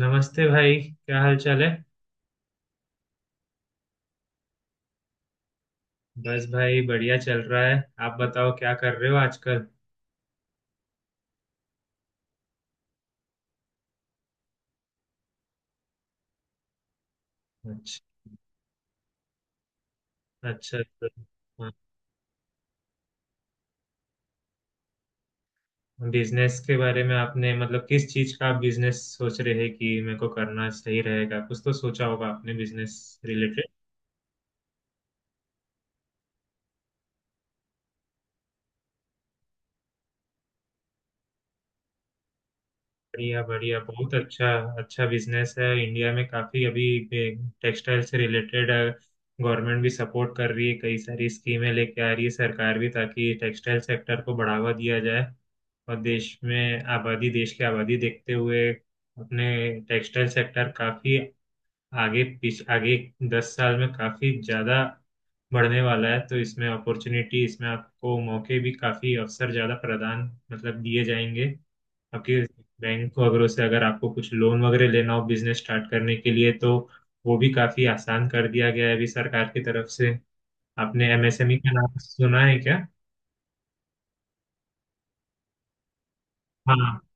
नमस्ते भाई, क्या हाल चाल है? बस भाई, बढ़िया चल रहा है। आप बताओ क्या कर रहे हो आजकल? अच्छा। अच्छा तो हाँ, बिजनेस के बारे में आपने, मतलब किस चीज का आप बिजनेस सोच रहे हैं कि मेरे को करना सही रहेगा? कुछ तो सोचा होगा आपने बिजनेस। बढ़िया बढ़िया, बहुत अच्छा। अच्छा बिजनेस है इंडिया में काफी अभी, टेक्सटाइल से रिलेटेड। गवर्नमेंट भी सपोर्ट कर रही है, कई सारी स्कीमें लेके आ रही है सरकार भी, ताकि टेक्सटाइल सेक्टर को बढ़ावा दिया जाए। और देश में आबादी, देश की आबादी देखते हुए अपने टेक्सटाइल सेक्टर काफी आगे दस साल में काफी ज्यादा बढ़ने वाला है। तो इसमें अपॉर्चुनिटी, इसमें आपको मौके भी काफी, अवसर ज्यादा प्रदान, मतलब दिए जाएंगे। आपके बैंक वगैरह से अगर आपको कुछ लोन वगैरह लेना हो बिजनेस स्टार्ट करने के लिए, तो वो भी काफी आसान कर दिया गया है अभी सरकार की तरफ से। आपने एमएसएमई का नाम सुना है क्या? हाँ,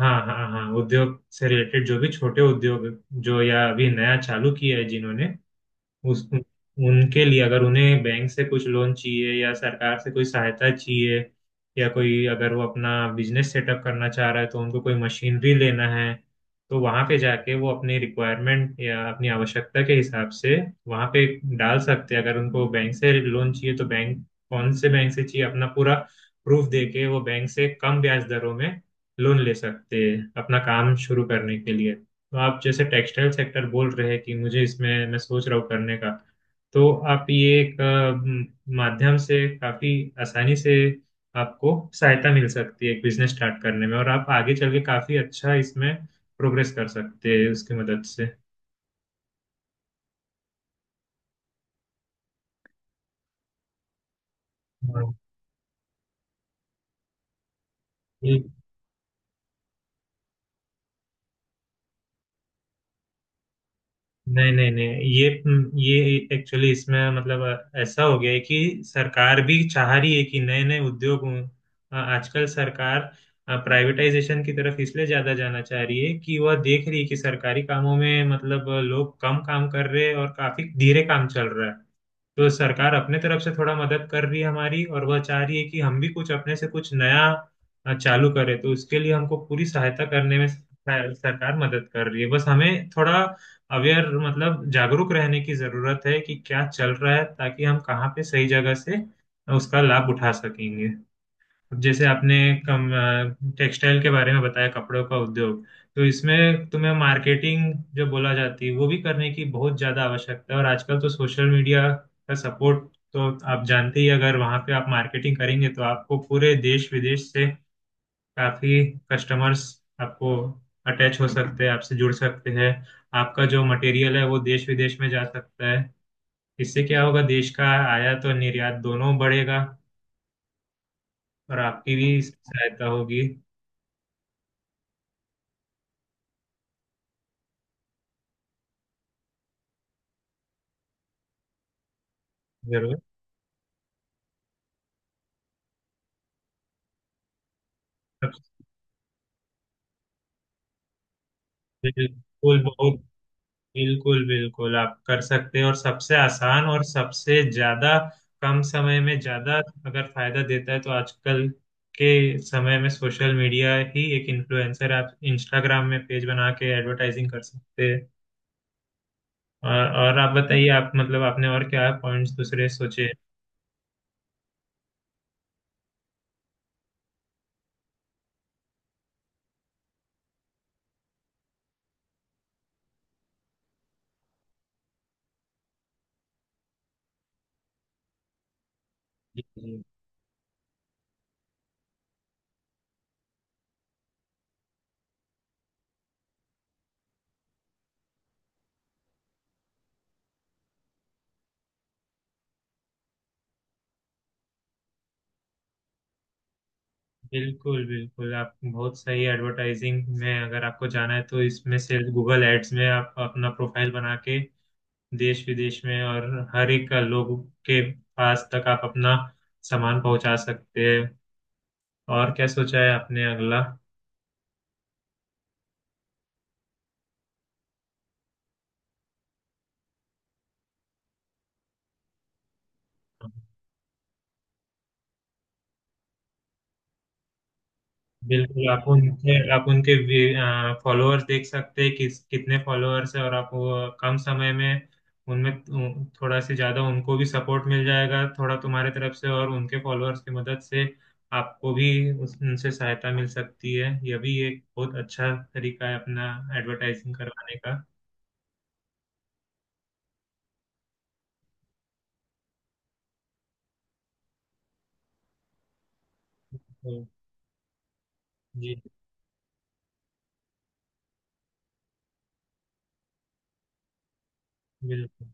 हाँ, हाँ, हाँ, उद्योग से रिलेटेड जो भी छोटे उद्योग, जो या अभी नया चालू किया है जिन्होंने, उस उनके लिए अगर उन्हें बैंक से कुछ लोन चाहिए या सरकार से कोई सहायता चाहिए, या कोई अगर वो अपना बिजनेस सेटअप करना चाह रहा है, तो उनको कोई मशीनरी लेना है तो वहाँ पे जाके वो अपनी रिक्वायरमेंट या अपनी आवश्यकता के हिसाब से वहाँ पे डाल सकते हैं। अगर उनको बैंक से लोन चाहिए तो बैंक, कौन से बैंक से चाहिए, अपना पूरा प्रूफ देके वो बैंक से कम ब्याज दरों में लोन ले सकते हैं अपना काम शुरू करने के लिए। तो आप जैसे टेक्सटाइल सेक्टर बोल रहे हैं कि मुझे इसमें मैं सोच रहा हूँ करने का, तो आप ये एक माध्यम से काफी आसानी से आपको सहायता मिल सकती है एक बिजनेस स्टार्ट करने में, और आप आगे चल के काफी अच्छा इसमें प्रोग्रेस कर सकते हैं उसकी मदद से। हाँ। नहीं, नहीं, नहीं, ये ये एक्चुअली इसमें मतलब ऐसा हो गया है कि सरकार भी चाह रही है कि नए नए उद्योग हों। आजकल सरकार प्राइवेटाइजेशन की तरफ इसलिए ज्यादा जाना चाह रही है कि वह देख रही है कि सरकारी कामों में मतलब लोग कम काम कर रहे हैं और काफी धीरे काम चल रहा है। तो सरकार अपने तरफ से थोड़ा मदद कर रही है हमारी, और वह चाह रही है कि हम भी कुछ अपने से कुछ नया चालू करें, तो उसके लिए हमको पूरी सहायता करने में सरकार मदद कर रही है। बस हमें थोड़ा अवेयर, मतलब जागरूक रहने की जरूरत है कि क्या चल रहा है, ताकि हम कहाँ पे सही जगह से उसका लाभ उठा सकेंगे। अब जैसे आपने कम टेक्सटाइल के बारे में बताया, कपड़ों का उद्योग, तो इसमें तुम्हें मार्केटिंग जो बोला जाती है वो भी करने की बहुत ज्यादा आवश्यकता है, और आजकल तो सोशल मीडिया का सपोर्ट, तो आप जानते ही। अगर वहां पे आप मार्केटिंग करेंगे तो आपको पूरे देश विदेश से काफी कस्टमर्स आपको अटैच हो सकते हैं, आपसे जुड़ सकते हैं। आपका जो मटेरियल है वो देश विदेश में जा सकता है। इससे क्या होगा, देश का आयात और निर्यात दोनों बढ़ेगा, और आपकी भी इसमें सहायता होगी। जरूर। सब- बिल्कुल बहुत, बिल्कुल बिल्कुल आप कर सकते हैं, और सबसे आसान और सबसे ज्यादा कम समय में ज्यादा अगर फायदा देता है तो आजकल के समय में सोशल मीडिया ही एक इन्फ्लुएंसर, आप इंस्टाग्राम में पेज बना के एडवर्टाइजिंग कर सकते हैं। और आप बताइए, आप मतलब आपने और क्या पॉइंट्स दूसरे सोचे? जी, जी। बिल्कुल बिल्कुल, आप बहुत सही। एडवर्टाइजिंग में अगर आपको जाना है तो इसमें से गूगल एड्स में आप अपना प्रोफाइल बना के देश विदेश में और हर एक लोग के पास तक आप अपना सामान पहुंचा सकते हैं। और क्या सोचा है आपने अगला? बिल्कुल, आप उनके फॉलोअर्स देख सकते हैं, किस कितने फॉलोअर्स है, और आप वो कम समय में उनमें थोड़ा से ज्यादा उनको भी सपोर्ट मिल जाएगा थोड़ा तुम्हारे तरफ से, और उनके फॉलोअर्स की मदद से आपको भी उनसे सहायता मिल सकती है। यह भी एक बहुत अच्छा तरीका है अपना एडवर्टाइजिंग करवाने का। तो, जी। बिल्कुल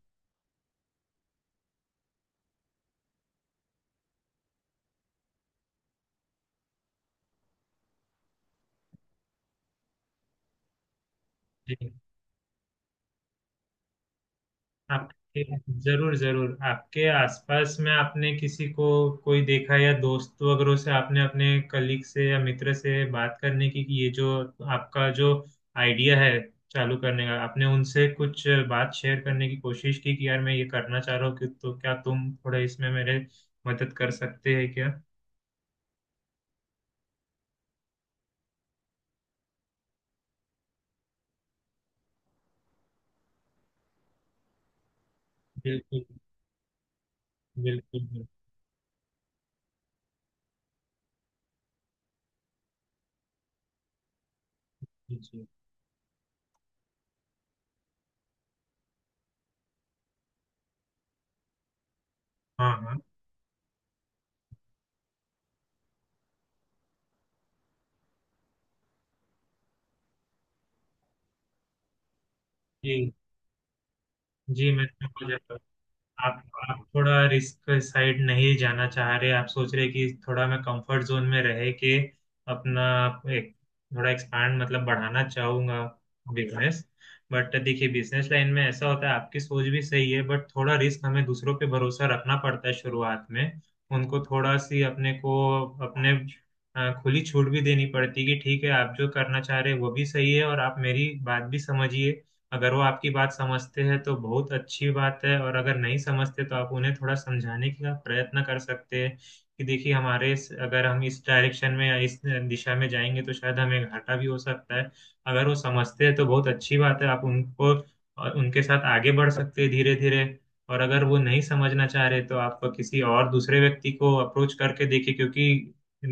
जी। आपके, जरूर जरूर, आपके आसपास में आपने किसी को, कोई देखा, या दोस्त वगैरह से आपने अपने कलीग से या मित्र से बात करने की कि ये जो आपका जो आइडिया है चालू करने का, आपने उनसे कुछ बात शेयर करने की कोशिश की कि यार मैं ये करना चाह रहा हूँ, कि तो क्या तुम थोड़ा इसमें मेरे मदद कर सकते हैं क्या? बिल्कुल। बिल्कुल। बिल्कुल जी। हाँ, हाँ। जी, जी, मैं समझ। आप आप थोड़ा रिस्क साइड नहीं जाना चाह रहे, आप सोच रहे कि थोड़ा मैं कंफर्ट जोन में रह के अपना एक थोड़ा एक्सपांड मतलब बढ़ाना चाहूंगा बिजनेस। बट देखिए बिजनेस लाइन में ऐसा होता है, आपकी सोच भी सही है बट थोड़ा रिस्क, हमें दूसरों पे भरोसा रखना पड़ता है शुरुआत में। उनको थोड़ा सी अपने को अपने खुली छूट भी देनी पड़ती है कि ठीक है आप जो करना चाह रहे हैं वो भी सही है और आप मेरी बात भी समझिए। अगर वो आपकी बात समझते हैं तो बहुत अच्छी बात है, और अगर नहीं समझते तो आप उन्हें थोड़ा समझाने का प्रयत्न कर सकते हैं कि देखिए अगर हम इस डायरेक्शन में या इस दिशा में जाएंगे तो शायद हमें घाटा भी हो सकता है। अगर वो समझते हैं तो बहुत अच्छी बात है, आप उनको और उनके साथ आगे बढ़ सकते हैं धीरे धीरे। और अगर वो नहीं समझना चाह रहे तो आप किसी और दूसरे व्यक्ति को अप्रोच करके देखिए, क्योंकि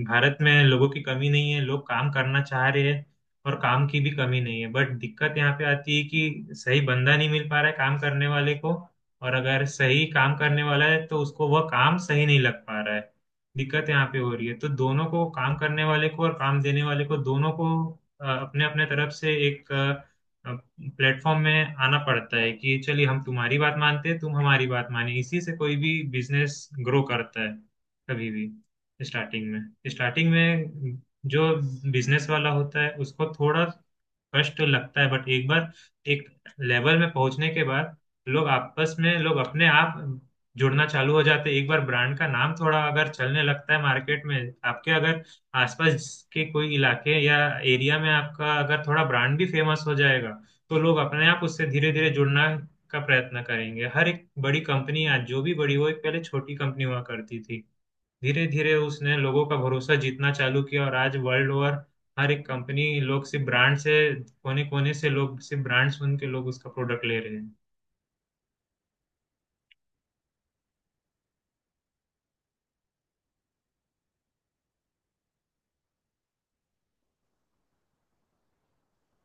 भारत में लोगों की कमी नहीं है, लोग काम करना चाह रहे हैं, और काम की भी कमी नहीं है। बट दिक्कत यहाँ पे आती है कि सही बंदा नहीं मिल पा रहा है काम करने वाले को, और अगर सही काम करने वाला है तो उसको वह काम सही नहीं लग पा रहा है। दिक्कत यहाँ पे हो रही है, तो दोनों को, काम करने वाले को और काम देने वाले को, दोनों को अपने अपने तरफ से एक प्लेटफॉर्म में आना पड़ता है कि चलिए हम तुम्हारी बात मानते हैं, तुम हमारी बात माने, इसी से कोई भी बिजनेस ग्रो करता है। कभी भी स्टार्टिंग में जो बिजनेस वाला होता है उसको थोड़ा कष्ट लगता है, बट एक बार एक लेवल में पहुंचने के बाद लोग आपस में, लोग अपने आप जुड़ना चालू हो जाते हैं। एक बार ब्रांड का नाम थोड़ा अगर चलने लगता है मार्केट में, आपके अगर आसपास के कोई इलाके या एरिया में आपका अगर थोड़ा ब्रांड भी फेमस हो जाएगा, तो लोग अपने आप उससे धीरे धीरे जुड़ना का प्रयत्न करेंगे। हर एक बड़ी कंपनी आज जो भी बड़ी हो, एक पहले छोटी कंपनी हुआ करती थी, धीरे धीरे उसने लोगों का भरोसा जीतना चालू किया, और आज वर्ल्ड ओवर हर एक कंपनी, लोग सिर्फ ब्रांड से, कोने कोने से लोग सिर्फ ब्रांड सुन के लोग उसका प्रोडक्ट ले रहे हैं।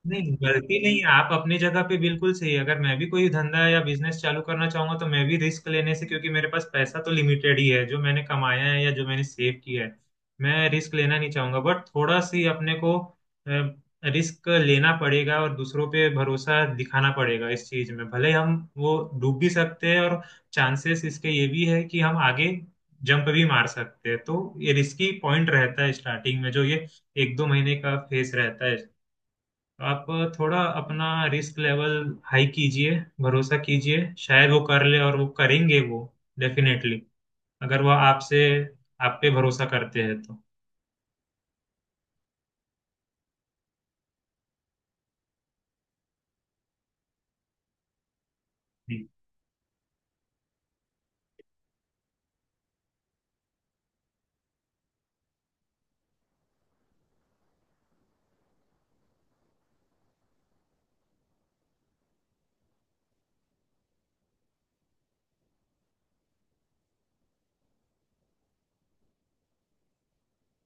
नहीं, गलती नहीं, आप अपनी जगह पे बिल्कुल सही। अगर मैं भी कोई धंधा या बिजनेस चालू करना चाहूंगा तो मैं भी रिस्क लेने से, क्योंकि मेरे पास पैसा तो लिमिटेड ही है जो मैंने कमाया है या जो मैंने सेव किया है, मैं रिस्क लेना नहीं चाहूंगा। बट थोड़ा सी अपने को रिस्क लेना पड़ेगा, और दूसरों पे भरोसा दिखाना पड़ेगा। इस चीज में भले हम वो डूब भी सकते हैं, और चांसेस इसके ये भी है कि हम आगे जंप भी मार सकते हैं। तो ये रिस्की पॉइंट रहता है स्टार्टिंग में, जो ये एक दो महीने का फेस रहता है। आप थोड़ा अपना रिस्क लेवल हाई कीजिए, भरोसा कीजिए, शायद वो कर ले, और वो करेंगे, वो डेफिनेटली, अगर वो आपसे, आप पे भरोसा करते हैं तो। जी,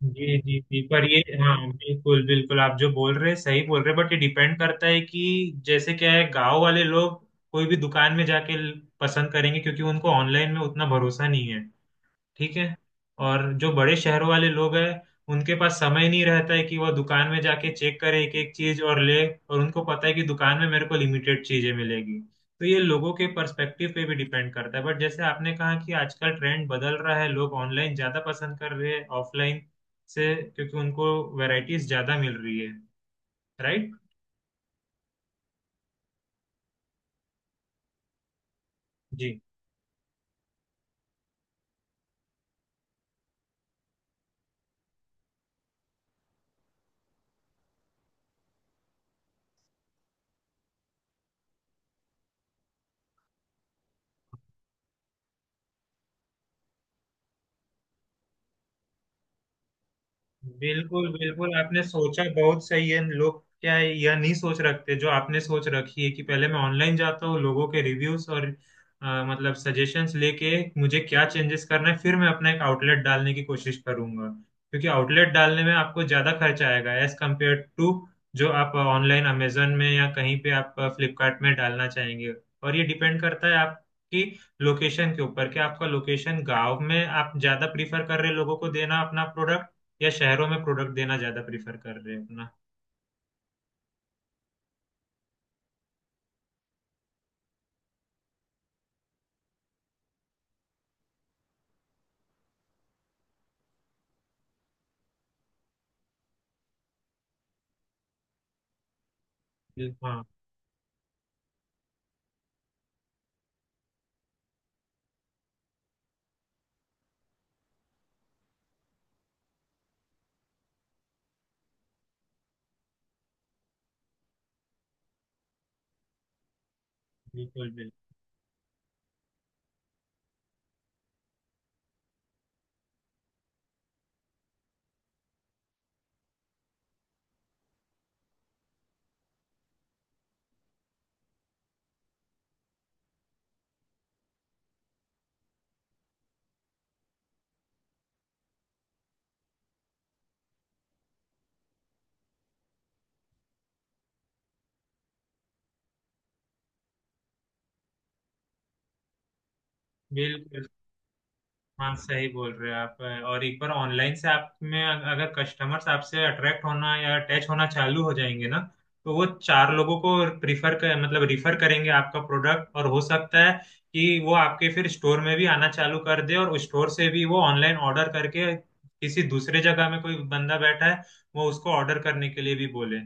जी, जी, जी, पर ये, हाँ, बिल्कुल बिल्कुल, आप जो बोल रहे हैं सही बोल रहे हैं, बट ये डिपेंड करता है कि जैसे क्या है, गांव वाले लोग कोई भी दुकान में जाके पसंद करेंगे, क्योंकि उनको ऑनलाइन में उतना भरोसा नहीं है। ठीक है। और जो बड़े शहरों वाले लोग हैं उनके पास समय नहीं रहता है कि वो दुकान में जाके चेक करे एक एक चीज और ले, और उनको पता है कि दुकान में मेरे को लिमिटेड चीजें मिलेगी। तो ये लोगों के पर्सपेक्टिव पे भी डिपेंड करता है, बट जैसे आपने कहा कि आजकल ट्रेंड बदल रहा है, लोग ऑनलाइन ज्यादा पसंद कर रहे हैं ऑफलाइन से, क्योंकि उनको वैरायटीज ज्यादा मिल रही है। राइट। जी। बिल्कुल बिल्कुल, आपने सोचा बहुत सही है। लोग क्या है, यह नहीं सोच रखते जो आपने सोच रखी है कि पहले मैं ऑनलाइन जाता हूँ, लोगों के रिव्यूज और मतलब सजेशंस लेके मुझे क्या चेंजेस करना है, फिर मैं अपना एक आउटलेट डालने की कोशिश करूंगा। क्योंकि आउटलेट डालने में आपको ज्यादा खर्चा आएगा एज कम्पेयर टू जो आप ऑनलाइन अमेजन में या कहीं पे आप फ्लिपकार्ट में डालना चाहेंगे। और ये डिपेंड करता है आपकी लोकेशन के ऊपर, कि आपका लोकेशन गांव में आप ज्यादा प्रीफर कर रहे लोगों को देना अपना प्रोडक्ट, या शहरों में प्रोडक्ट देना ज्यादा प्रीफर कर रहे हैं अपना। बिल्कुल, हाँ। बिल्कुल बिल्कुल बिल्कुल। हाँ, सही बोल रहे हो आप। और एक बार ऑनलाइन से अगर कस्टमर्स आपसे अट्रैक्ट होना या अटैच होना चालू हो जाएंगे ना, तो वो चार लोगों को प्रीफर कर मतलब रिफर करेंगे आपका प्रोडक्ट। और हो सकता है कि वो आपके फिर स्टोर में भी आना चालू कर दे, और उस स्टोर से भी वो ऑनलाइन ऑर्डर करके किसी दूसरे जगह में कोई बंदा बैठा है वो उसको ऑर्डर करने के लिए भी बोले।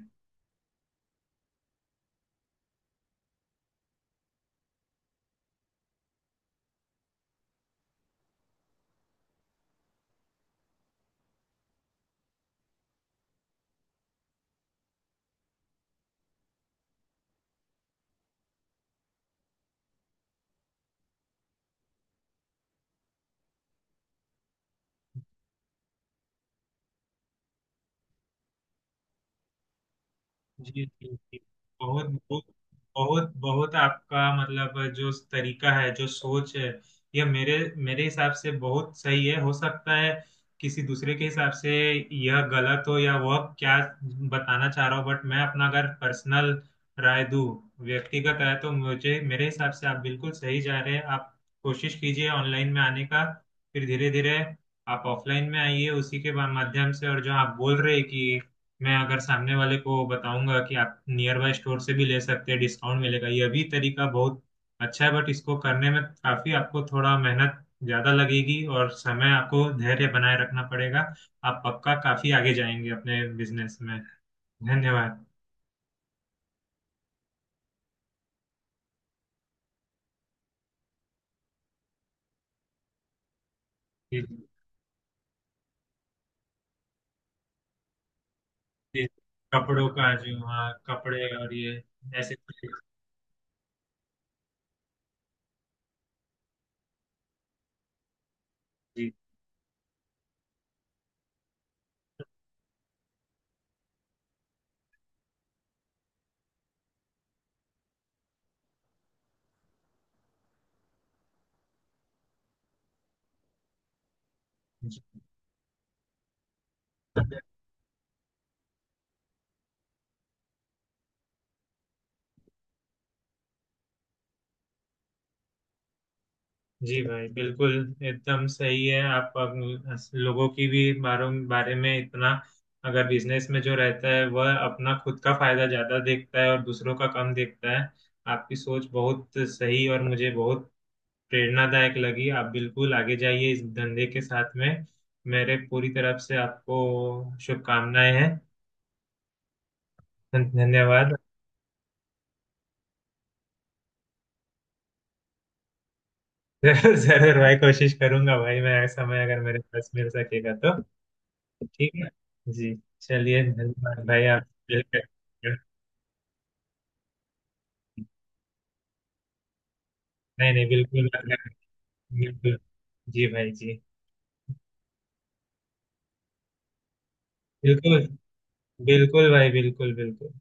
जी, जी, जी। बहुत बहुत, बहुत बहुत आपका मतलब, जो तरीका है जो सोच है, यह मेरे मेरे हिसाब से बहुत सही है। हो सकता है किसी दूसरे के हिसाब से यह गलत हो या वह क्या बताना चाह रहा हो, बट मैं अपना अगर पर्सनल राय दूं, व्यक्तिगत राय, तो मुझे मेरे हिसाब से आप बिल्कुल सही जा रहे हैं। आप कोशिश कीजिए ऑनलाइन में आने का, फिर धीरे धीरे आप ऑफलाइन में आइए उसी के माध्यम से। और जो आप बोल रहे हैं कि मैं अगर सामने वाले को बताऊंगा कि आप नियर बाय स्टोर से भी ले सकते हैं, डिस्काउंट मिलेगा, ये भी तरीका बहुत अच्छा है। बट इसको करने में काफी आपको थोड़ा मेहनत ज्यादा लगेगी, और समय आपको धैर्य बनाए रखना पड़ेगा। आप पक्का काफी आगे जाएंगे अपने बिजनेस में। धन्यवाद। जी। जी। कपड़ों का जो, हाँ, कपड़े और ये, ऐसे कुछ। जी। जी भाई, बिल्कुल एकदम सही है। लोगों की भी बारों बारे में इतना, अगर बिजनेस में जो रहता है वह अपना खुद का फायदा ज्यादा देखता है और दूसरों का कम देखता है। आपकी सोच बहुत सही, और मुझे बहुत प्रेरणादायक लगी। आप बिल्कुल आगे जाइए इस धंधे के साथ में। मेरे पूरी तरफ से आपको शुभकामनाएं हैं। धन्यवाद। जरूर भाई, कोशिश करूंगा भाई। मैं समय अगर मेरे पास मिल सकेगा तो। ठीक है। जी। चलिए, धन्यवाद भाई आप। बिल्कुल। नहीं, नहीं, बिल्कुल। बिल्कुल जी भाई जी। बिल्कुल। बिल्कुल भाई, बिल्कुल बिल्कुल।